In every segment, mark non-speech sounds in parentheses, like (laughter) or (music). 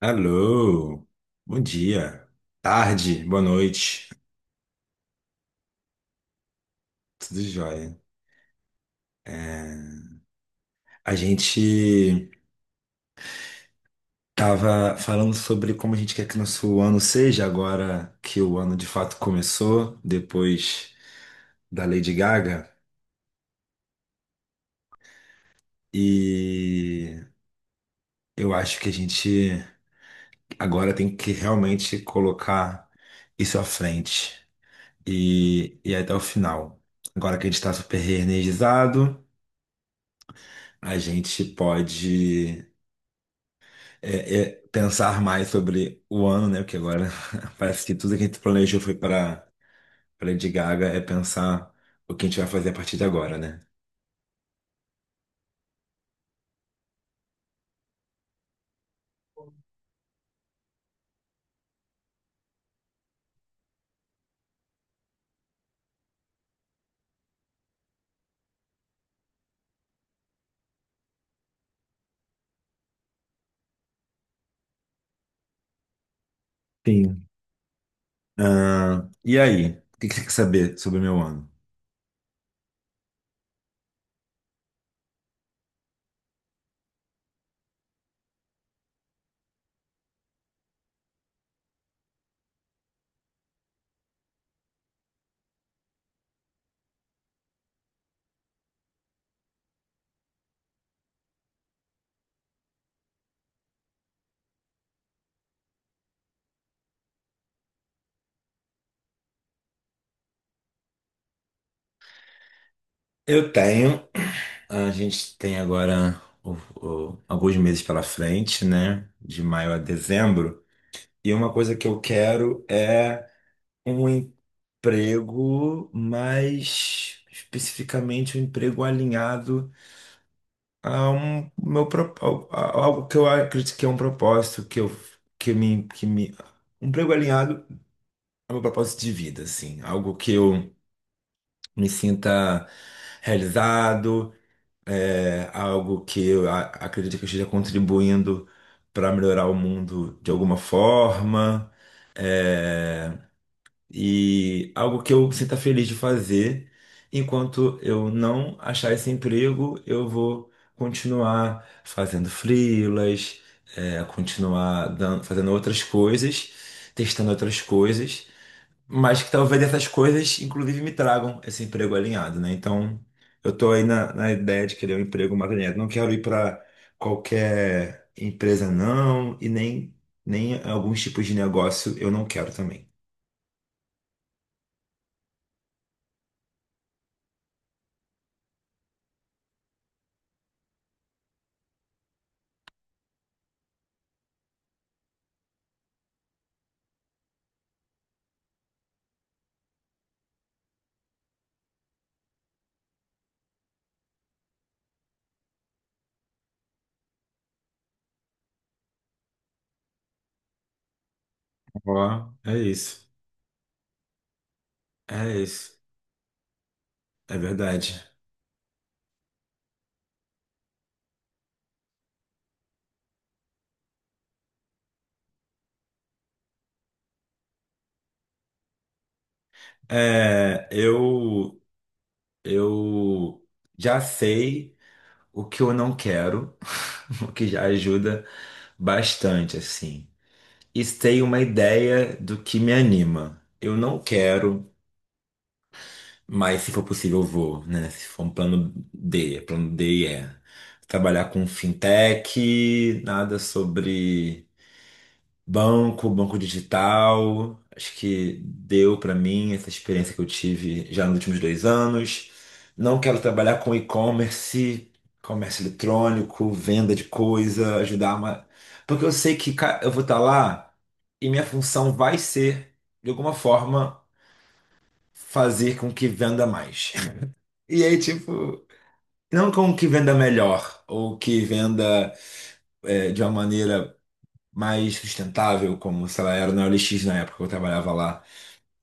Alô, bom dia, tarde, boa noite, tudo jóia. É, A gente tava falando sobre como a gente quer que nosso ano seja agora que o ano de fato começou, depois da Lady Gaga, e eu acho que a gente agora tem que realmente colocar isso à frente e até o final. Agora que a gente está super reenergizado, a gente pode. É pensar mais sobre o ano, né? Porque agora (laughs) parece que tudo que a gente planejou foi para Lady Gaga é pensar o que a gente vai fazer a partir de agora, né? Sim. Ah, e aí? O que que você quer saber sobre o meu ano? Eu tenho, a gente tem agora alguns meses pela frente, né? De maio a dezembro. E uma coisa que eu quero é um emprego, mas especificamente um emprego alinhado a um meu algo que eu acredito que é um propósito que eu que me um emprego alinhado é meu propósito de vida, assim, algo que eu me sinta realizado, é algo que eu acredito que eu esteja contribuindo para melhorar o mundo de alguma forma, é, e algo que eu sinta feliz de fazer. Enquanto eu não achar esse emprego, eu vou continuar fazendo freelas, continuar fazendo outras coisas, testando outras coisas, mas que talvez essas coisas, inclusive, me tragam esse emprego alinhado, né? Então, eu tô aí na ideia de querer um emprego mais alinhado. Não quero ir para qualquer empresa, não, e nem alguns tipos de negócio eu não quero também. Ó, é isso. É isso. É verdade. É, eu, eu já sei o que eu não quero, (laughs) o que já ajuda bastante, assim. E sei uma ideia do que me anima. Eu não quero, mas se for possível, eu vou, né? Se for um plano D é trabalhar com fintech, nada sobre. Banco, banco digital, acho que deu para mim essa experiência que eu tive já nos últimos 2 anos. Não quero trabalhar com e-commerce, comércio eletrônico, venda de coisa, ajudar uma... Porque eu sei que eu vou estar lá e minha função vai ser, de alguma forma, fazer com que venda mais. (laughs) E aí, tipo, não com que venda melhor, ou que venda de uma maneira mais sustentável, como, sei lá, era no OLX na época que eu trabalhava lá.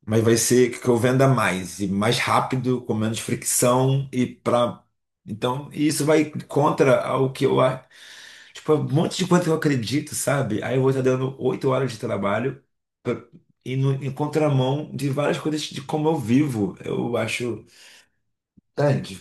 Mas vai ser que eu venda mais e mais rápido, com menos fricção e para então e isso vai contra o que eu tipo um monte de coisa que eu acredito, sabe? Aí eu vou estar dando 8 horas de trabalho pra- e no, em contramão de várias coisas de como eu vivo. Eu acho. Entende?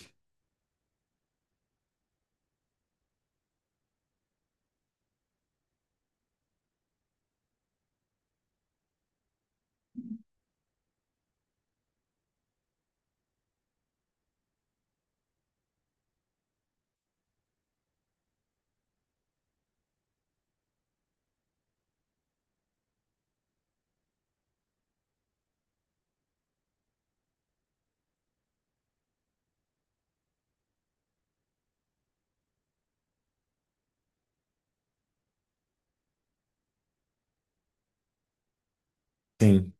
Sim,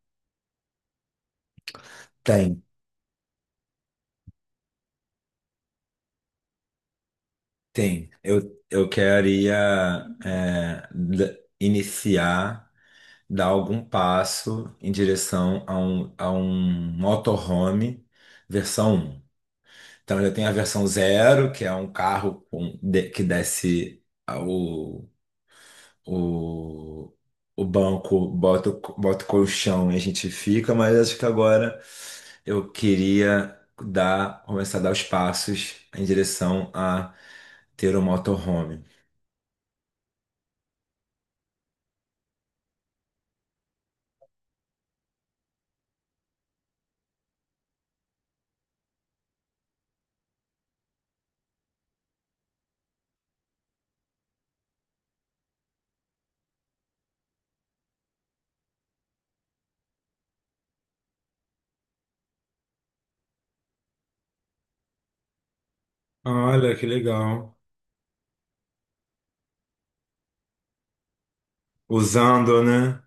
tem, tem. Eu queria iniciar dar algum passo em direção a a um motorhome versão um. Então já tem a versão zero que é um carro que desce o, o banco, bota, o bota o colchão e a gente fica, mas acho que agora eu queria dar, começar a dar os passos em direção a ter um motorhome. Olha, que legal. Usando, né?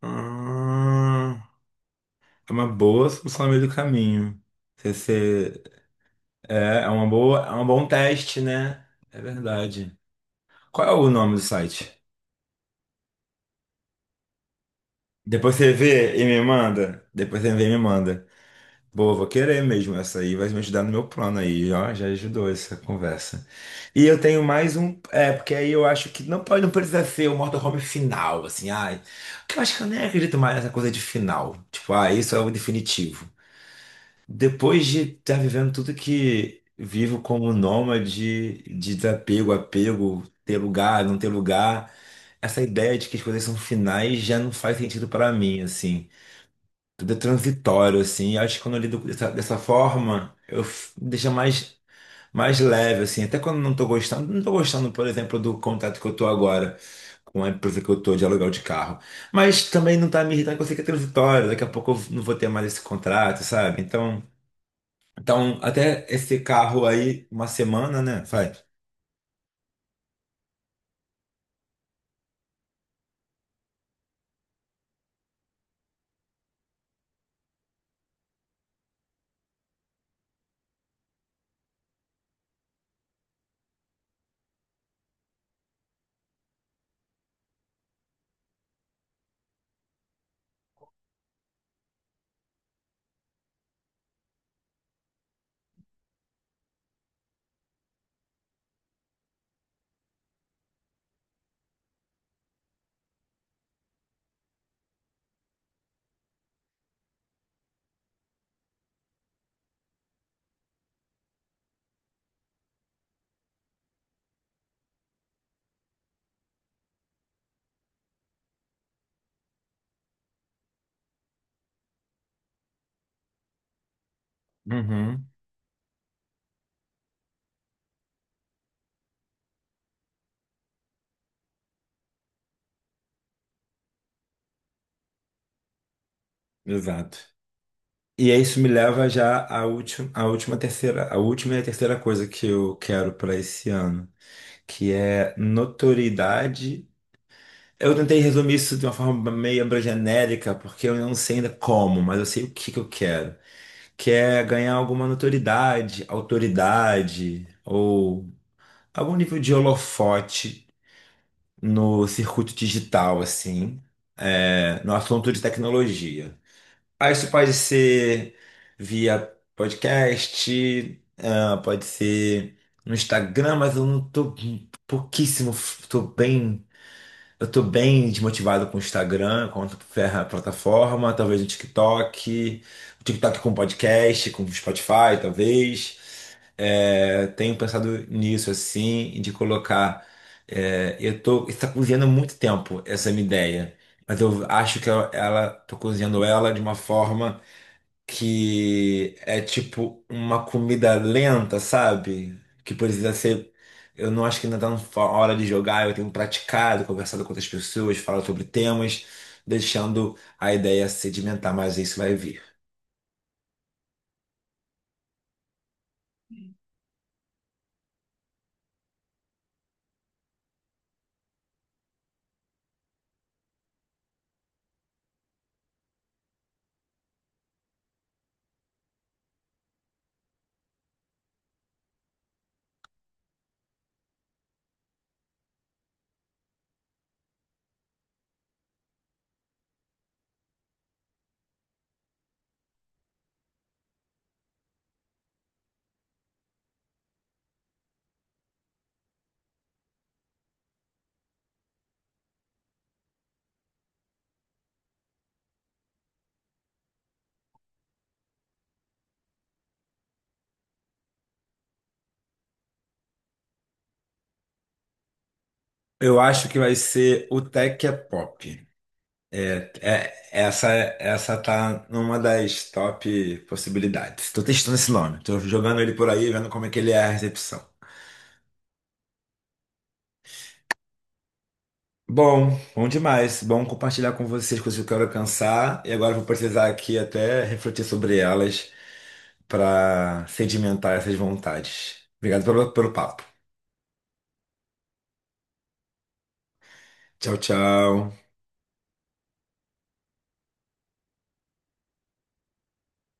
Ah. É uma boa solução no meio do caminho. Você, você- é, é uma boa, é um bom teste, né? É verdade. Qual é o nome do site? Depois você vê e me manda. Depois você vê e me manda. Boa, vou querer mesmo essa aí, vai me ajudar no meu plano aí, ó, já ajudou essa conversa. E eu tenho mais um, é, porque aí eu acho que não pode, não precisa ser o motorhome final, assim, ai. Porque eu acho que eu nem acredito mais nessa coisa de final. Tipo, ah, isso é o definitivo. Depois de estar vivendo tudo que vivo como nômade, de desapego, apego, ter lugar, não ter lugar, essa ideia de que as coisas são finais já não faz sentido para mim, assim. Tudo é transitório, assim. E acho que quando eu lido dessa forma, eu deixa mais, mais leve, assim. Até quando não tô gostando, não tô gostando, por exemplo, do contato que eu tô agora com a empresa que eu tô de aluguel de carro. Mas também não tá me irritando, porque eu sei que é transitório, daqui a pouco eu não vou ter mais esse contrato, sabe? Então. Então, até esse carro aí, uma semana, né? Faz. Uhum. Exato. E aí isso me leva já à última, a última e a terceira coisa que eu quero para esse ano, que é notoriedade. Eu tentei resumir isso de uma forma meio genérica, porque eu não sei ainda como, mas eu sei o que que eu quero, que é ganhar alguma notoriedade, autoridade ou algum nível de holofote no circuito digital, assim, é, no assunto de tecnologia. Ah, isso pode ser via podcast, ah, pode ser no Instagram, mas eu não tô pouquíssimo, tô bem, eu tô bem desmotivado com o Instagram, com a plataforma, talvez no TikTok, o TikTok com podcast, com Spotify, talvez. É, tenho pensado nisso, assim, de colocar. Está cozinhando há muito tempo essa minha ideia, mas eu acho tô cozinhando ela de uma forma que é tipo uma comida lenta, sabe? Que precisa ser. Eu não acho que ainda tá na hora de jogar, eu tenho praticado, conversado com outras pessoas, falado sobre temas, deixando a ideia sedimentar, mas isso vai vir. Eu acho que vai ser o Tech é Pop. É, é, essa, essa tá numa das top possibilidades. Tô testando esse nome, tô jogando ele por aí, vendo como é que ele é a recepção. Bom, bom demais. Bom compartilhar com vocês coisas que eu quero alcançar. E agora eu vou precisar aqui até refletir sobre elas para sedimentar essas vontades. Obrigado pelo papo. Tchau, tchau.